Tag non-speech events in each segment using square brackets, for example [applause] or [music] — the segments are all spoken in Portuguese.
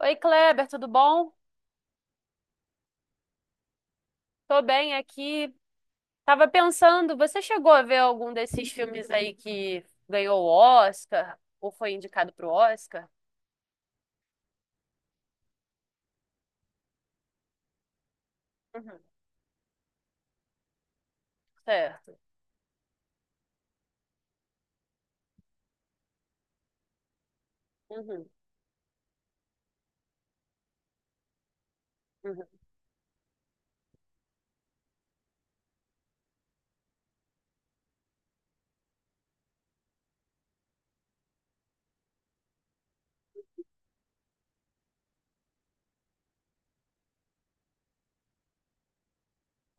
Oi, Kleber, tudo bom? Tô bem aqui. Tava pensando, você chegou a ver algum desses filmes aí que ganhou o Oscar ou foi indicado pro Oscar? Uhum, certo. Uhum, uhum,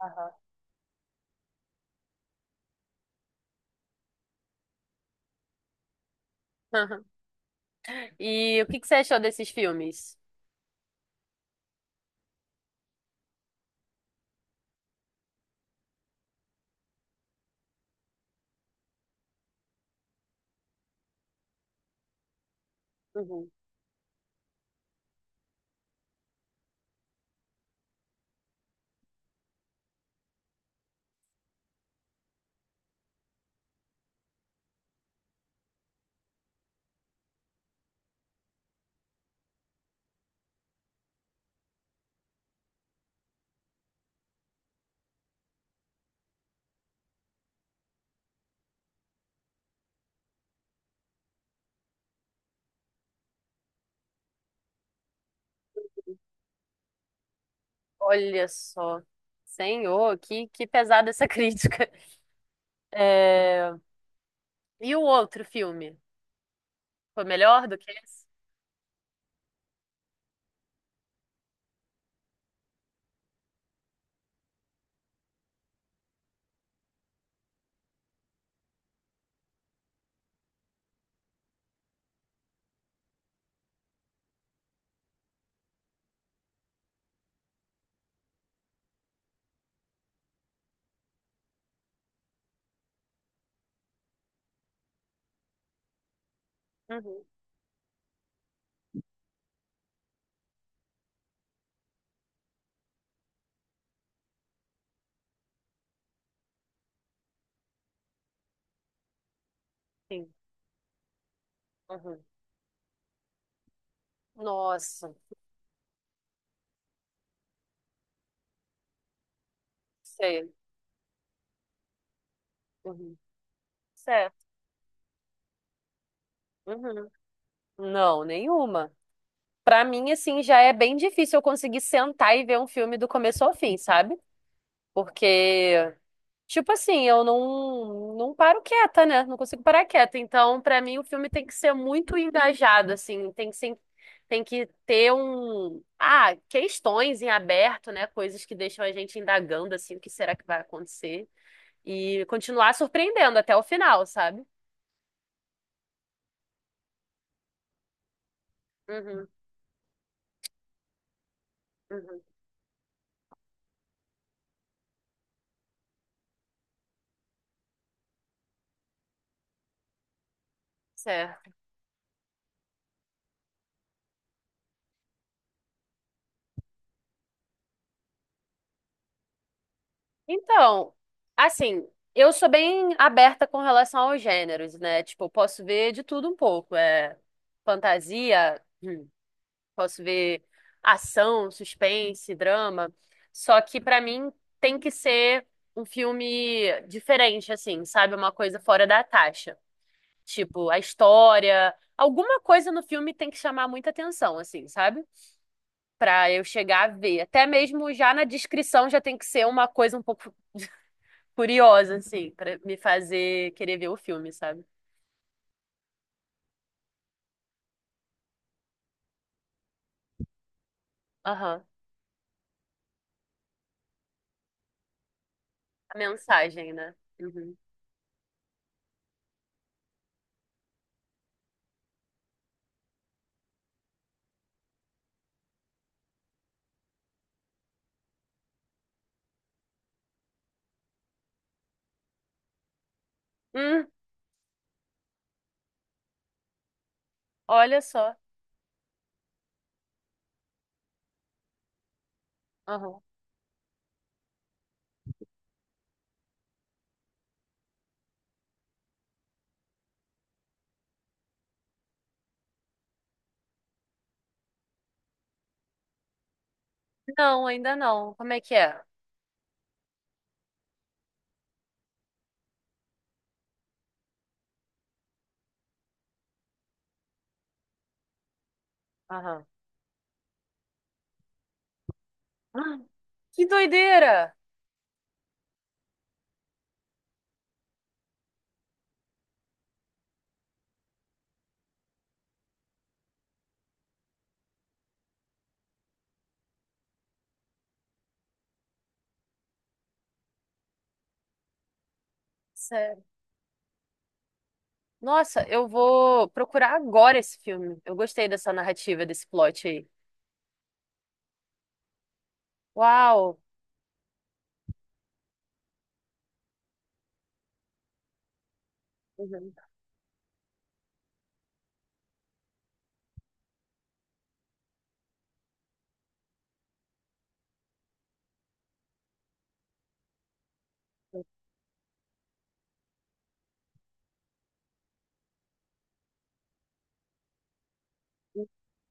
aham. Aham. E o que que você achou desses filmes? Uhum. Olha só. Senhor, que pesada essa [laughs] crítica. É. E o outro filme? Foi melhor do que esse? Uhum, sim. Uhum. Nossa, sei. Uhum. Certo. Uhum. Não, nenhuma. Pra mim, assim, já é bem difícil eu conseguir sentar e ver um filme do começo ao fim, sabe? Porque tipo assim, eu não paro quieta, né? Não consigo parar quieta. Então, pra mim, o filme tem que ser muito engajado, assim, tem que ser, tem que ter um, questões em aberto, né? Coisas que deixam a gente indagando, assim, o que será que vai acontecer e continuar surpreendendo até o final, sabe? Uhum, uhum, certo. Então, assim, eu sou bem aberta com relação aos gêneros, né? Tipo, eu posso ver de tudo um pouco. É fantasia. Posso ver ação, suspense, drama. Só que pra mim tem que ser um filme diferente, assim, sabe? Uma coisa fora da taxa. Tipo, a história, alguma coisa no filme tem que chamar muita atenção, assim, sabe? Pra eu chegar a ver. Até mesmo já na descrição já tem que ser uma coisa um pouco [laughs] curiosa, assim, pra me fazer querer ver o filme, sabe? Aham. A mensagem, né? Uhum. Hum, Olha só. Aham. Não, ainda não. Como é que é? Aham. [gasps] Ah, que doideira! Sério. Nossa, eu vou procurar agora esse filme. Eu gostei dessa narrativa, desse plot aí. Uau! Uhum.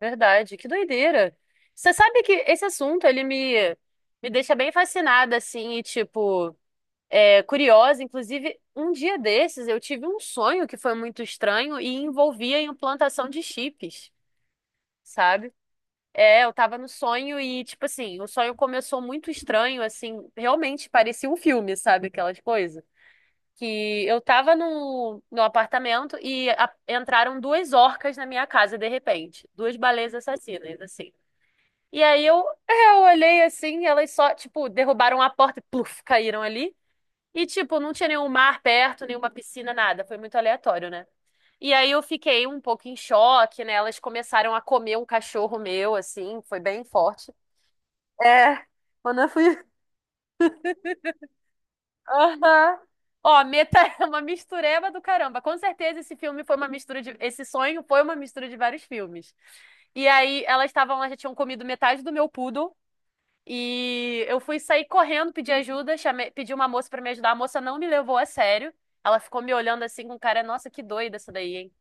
Verdade, que doideira! Você sabe que esse assunto, ele me, me deixa bem fascinada, assim, e, tipo, curiosa. Inclusive, um dia desses, eu tive um sonho que foi muito estranho e envolvia a implantação de chips, sabe? É, eu tava no sonho e, tipo assim, o sonho começou muito estranho, assim, realmente parecia um filme, sabe? Aquelas coisas. Que eu tava no apartamento e entraram duas orcas na minha casa, de repente. Duas baleias assassinas, assim. E aí eu olhei assim, elas só, tipo, derrubaram a porta e pluf, caíram ali. E, tipo, não tinha nenhum mar perto, nenhuma piscina, nada. Foi muito aleatório, né? E aí eu fiquei um pouco em choque, né? Elas começaram a comer um cachorro meu, assim, foi bem forte. É, quando eu fui. Aham. Ó, Meta [laughs] é uma mistureba do caramba. Com certeza esse filme foi uma mistura de... Esse sonho foi uma mistura de vários filmes. E aí elas estavam lá, já tinham comido metade do meu poodle. E eu fui sair correndo, pedir ajuda, chamei... pedi uma moça pra me ajudar. A moça não me levou a sério. Ela ficou me olhando assim com cara, nossa, que doida essa daí, hein?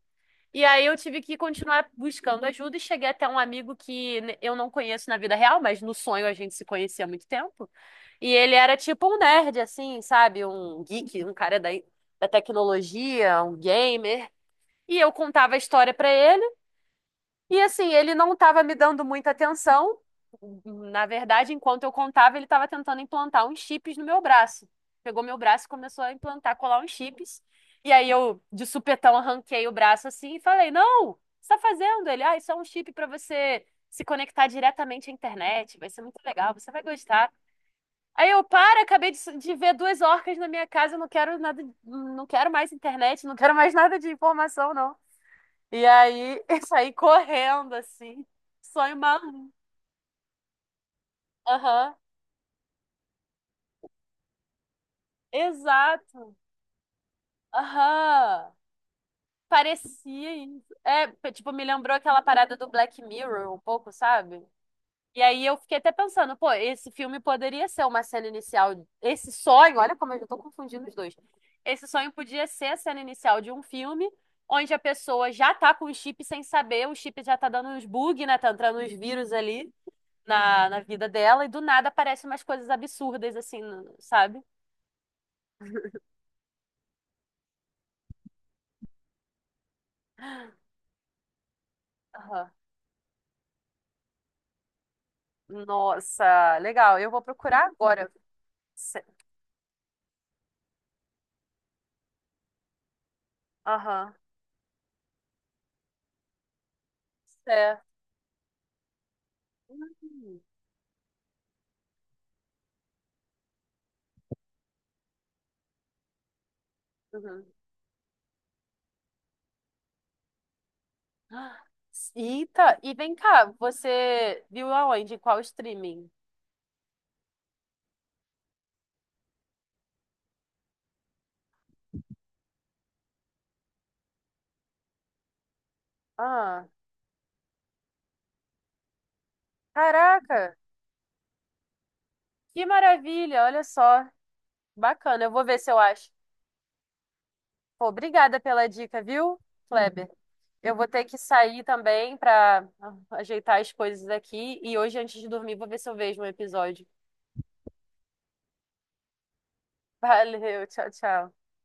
E aí eu tive que continuar buscando ajuda e cheguei até um amigo que eu não conheço na vida real, mas no sonho a gente se conhecia há muito tempo. E ele era tipo um nerd, assim, sabe? Um geek, um cara da tecnologia, um gamer. E eu contava a história pra ele. E assim, ele não estava me dando muita atenção. Na verdade, enquanto eu contava, ele estava tentando implantar uns chips no meu braço. Pegou meu braço e começou a implantar, colar uns chips. E aí eu, de supetão, arranquei o braço assim e falei: não, o que você está fazendo? Ele, ah, isso é um chip para você se conectar diretamente à internet. Vai ser muito legal, você vai gostar. Aí eu, para, acabei de, de ver duas orcas na minha casa, eu não quero nada, não quero mais internet, não quero mais nada de informação, não. E aí [laughs] eu saí correndo, assim. Sonho maluco. Aham. Exato. Aham. Parecia isso. É, tipo, me lembrou aquela parada do Black Mirror um pouco, sabe? E aí eu fiquei até pensando, pô, esse filme poderia ser uma cena inicial. Esse sonho, olha como eu já tô confundindo os dois. Esse sonho podia ser a cena inicial de um filme onde a pessoa já tá com o chip sem saber, o chip já tá dando uns bug, né? Tá entrando uns vírus ali na vida dela e do nada aparecem umas coisas absurdas, assim, sabe? Aham. Nossa, legal. Eu vou procurar agora. Se- Aham. É. Hum. Uhum. Ah, eita, e vem cá, você viu aonde? Em qual streaming? Ah, caraca, que maravilha, olha só. Bacana, eu vou ver se eu acho. Pô, obrigada pela dica, viu, Kleber? Eu vou ter que sair também para ajeitar as coisas aqui. E hoje, antes de dormir, vou ver se eu vejo um episódio. Valeu, tchau, tchau.